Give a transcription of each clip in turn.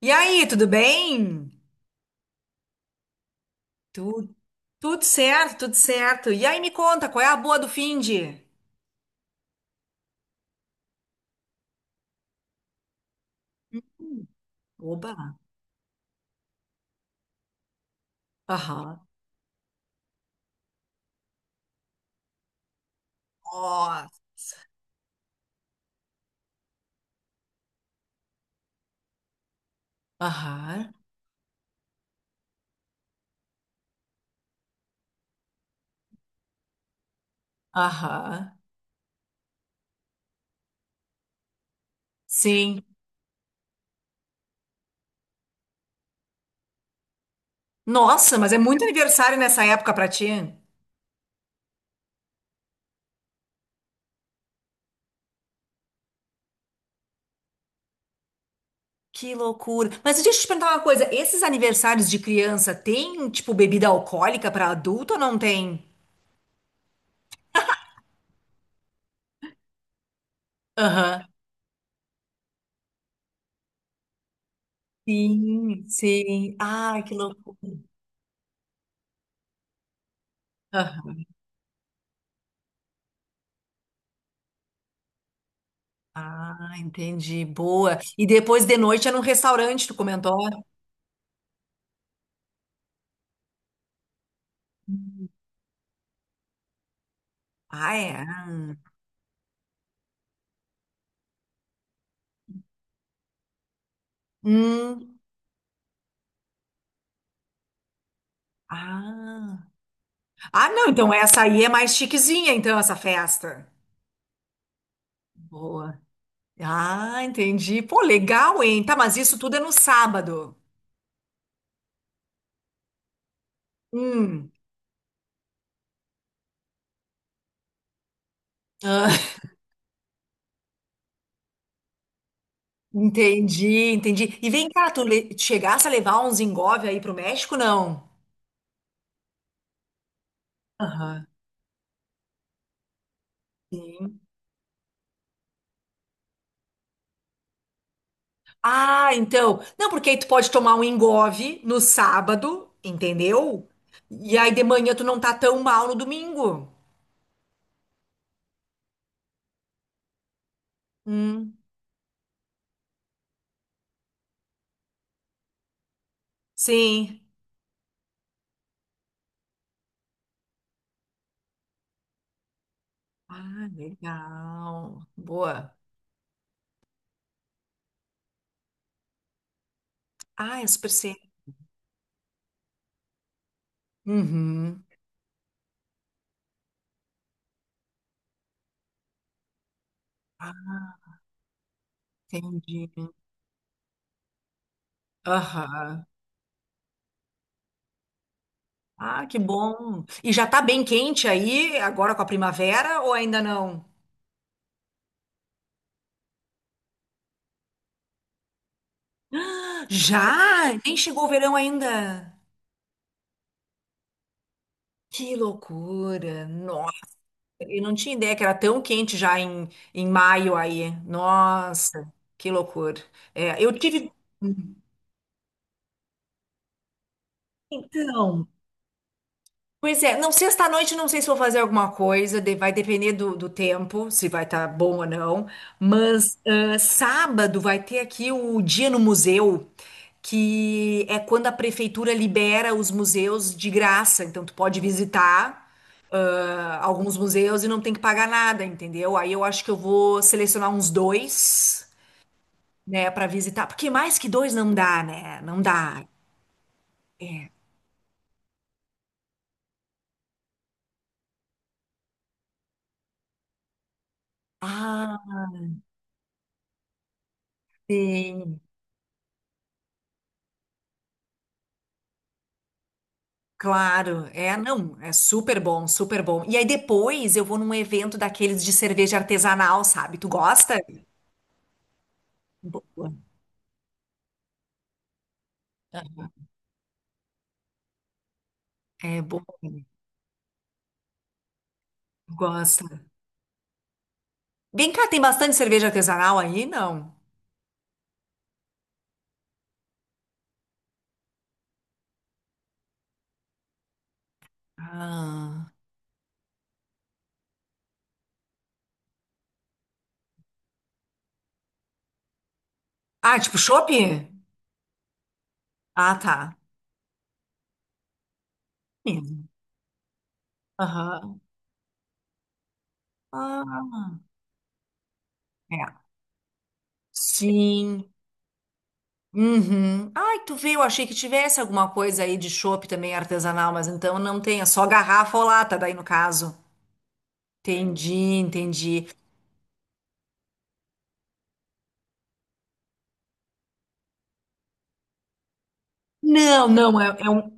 E aí, tudo bem? Tu- Tudo certo, tudo certo. E aí, me conta, qual é a boa do finde? Oba. Aham. Nossa. Aham. Aham. Sim. Nossa, mas é muito aniversário nessa época pra ti. Que loucura. Mas deixa eu te perguntar uma coisa. Esses aniversários de criança tem, tipo, bebida alcoólica pra adulto ou não tem? Aham. Sim, sim. Ai, que loucura. Ah, entendi. Boa. E depois de noite é num restaurante, tu comentou? Ah, é. Ah. Hum. Ah. Ah, não, então essa aí é mais chiquezinha, então, essa festa. Boa. Ah, entendi. Pô, legal, hein? Tá, mas isso tudo é no sábado. Hum. Ah, entendi, entendi. E vem cá, chegasse a levar uns engove aí pro México, não? Aham. Ah, então. Não, porque aí tu pode tomar um engove no sábado, entendeu? E aí de manhã tu não tá tão mal no domingo. Hum, sim. Ah, legal. Boa. Ah, é super cedo. Uhum. Ah, entendi. Aham. Ah, que bom. E já tá bem quente aí, agora com a primavera, ou ainda não? Já? Nem chegou o verão ainda. Que loucura! Eu não tinha ideia que era tão quente já em maio aí. Nossa, que loucura. É, eu tive. Então, pois é, não, sexta-noite não sei se vou fazer alguma coisa, vai depender do tempo, se vai estar bom ou não. Mas ah, sábado vai ter aqui o Dia no Museu, que é quando a prefeitura libera os museus de graça. Então tu pode visitar ah, alguns museus e não tem que pagar nada, entendeu? Aí eu acho que eu vou selecionar uns dois, né, para visitar, porque mais que dois não dá, né? Não dá. É. Ah, sim. Claro, é, não, é super bom, super bom. E aí depois eu vou num evento daqueles de cerveja artesanal, sabe? Tu gosta? Boa. É bom, gosta. Vem cá, tem bastante cerveja artesanal aí? Não. Ah, ah tipo chopp? Ah, tá. Sim. Aham. Ah, é. Sim. Uhum. Ai, tu viu? Achei que tivesse alguma coisa aí de chopp também artesanal, mas então não tem, é só garrafa ou lata, daí no caso. Entendi, entendi. Não, não, é, é um.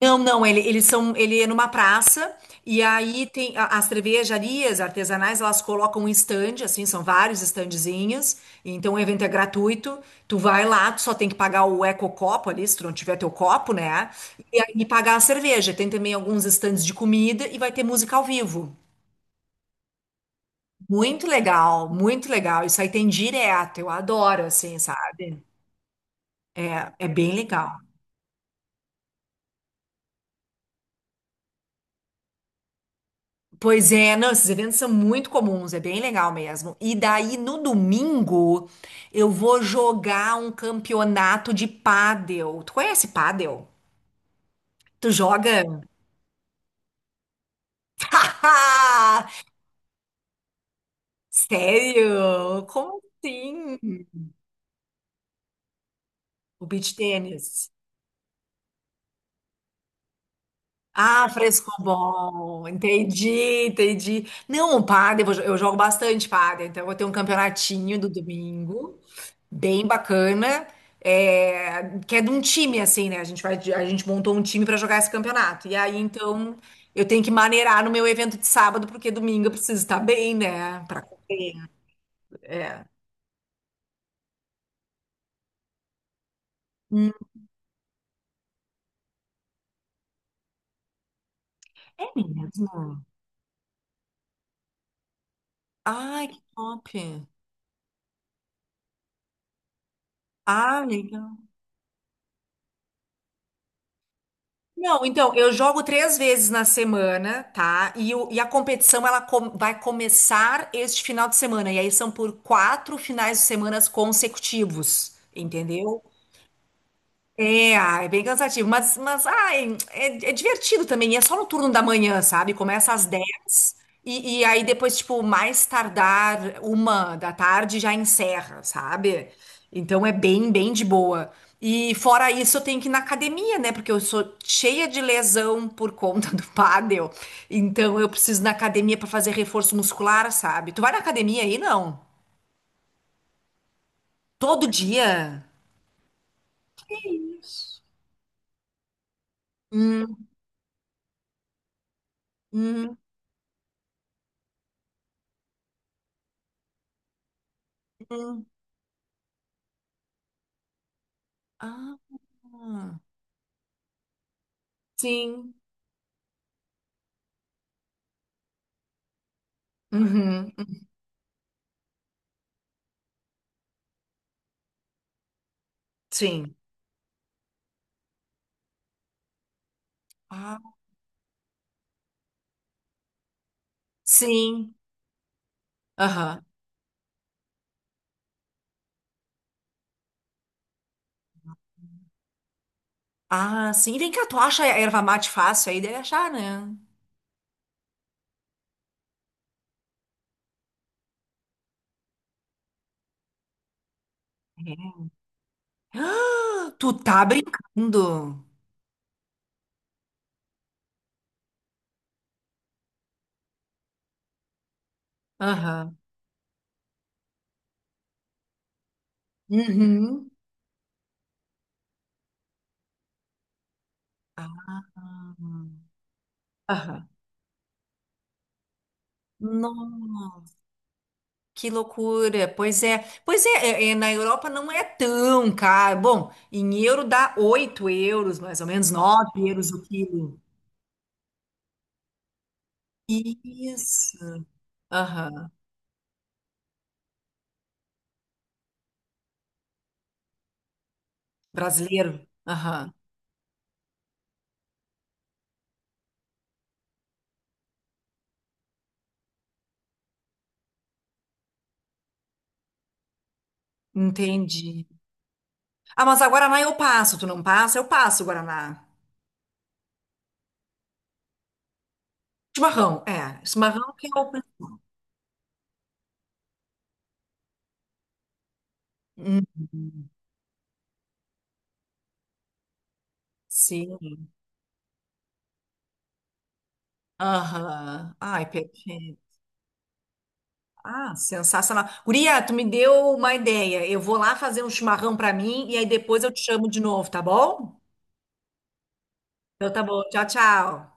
Não, não, eles são. Ele é numa praça, e aí tem as cervejarias artesanais, elas colocam um stand, assim, são vários standzinhos, então o evento é gratuito. Tu vai lá, tu só tem que pagar o ecocopo ali, se tu não tiver teu copo, né? E pagar a cerveja. Tem também alguns stands de comida e vai ter música ao vivo. Muito legal, muito legal. Isso aí tem direto, eu adoro, assim, sabe? É, é bem legal. Pois é, não, esses eventos são muito comuns, é bem legal mesmo. E daí no domingo eu vou jogar um campeonato de pádel. Tu conhece pádel? Tu joga? Sério? Como assim? O beach tênis. Ah, fresco bom, entendi, entendi. Não, o pádel, eu jogo bastante pádel, então eu vou ter um campeonatinho do domingo, bem bacana, é, que é de um time, assim, né? A gente vai, a gente montou um time para jogar esse campeonato. E aí, então, eu tenho que maneirar no meu evento de sábado, porque domingo eu preciso estar bem, né? Pra correr, é. Hum, é mesmo? Ai, que top. Ah, legal. Não, então, eu jogo 3 vezes na semana, tá? E a competição vai começar este final de semana. E aí são por 4 finais de semana consecutivos, entendeu? É, ah, é bem cansativo, mas ai, é, é divertido também, e é só no turno da manhã, sabe? Começa às 10 e aí depois, tipo, mais tardar 1 da tarde já encerra, sabe? Então é bem, bem de boa. E fora isso, eu tenho que ir na academia, né? Porque eu sou cheia de lesão por conta do pádel. Então eu preciso ir na academia para fazer reforço muscular, sabe? Tu vai na academia aí, não? Todo dia? Que isso? Hum, hum, hum. Ah. Ah, sim. Uhum. Sim. Ah, sim. Aham. Ah, sim. Vem cá, tu acha a erva mate fácil aí? Deve achar, né? É. Ah, tu tá brincando. Aham. Uhum. Ah. Aham. Nossa, que loucura. Pois é. Pois é, é, é, na Europa não é tão caro. Bom, em euro dá 8 euros, mais ou menos 9 euros o quilo. Isso. Aham. Brasileiro. Aham. Entendi. Ah, mas a Guaraná eu passo. Tu não passa? Eu passo o Guaraná. Chimarrão, é. Chimarrão que eu... Hum, sim. Aham. Ai, perfeito. Ah, sensacional. Guria, tu me deu uma ideia. Eu vou lá fazer um chimarrão pra mim e aí depois eu te chamo de novo, tá bom? Então tá bom. Tchau, tchau.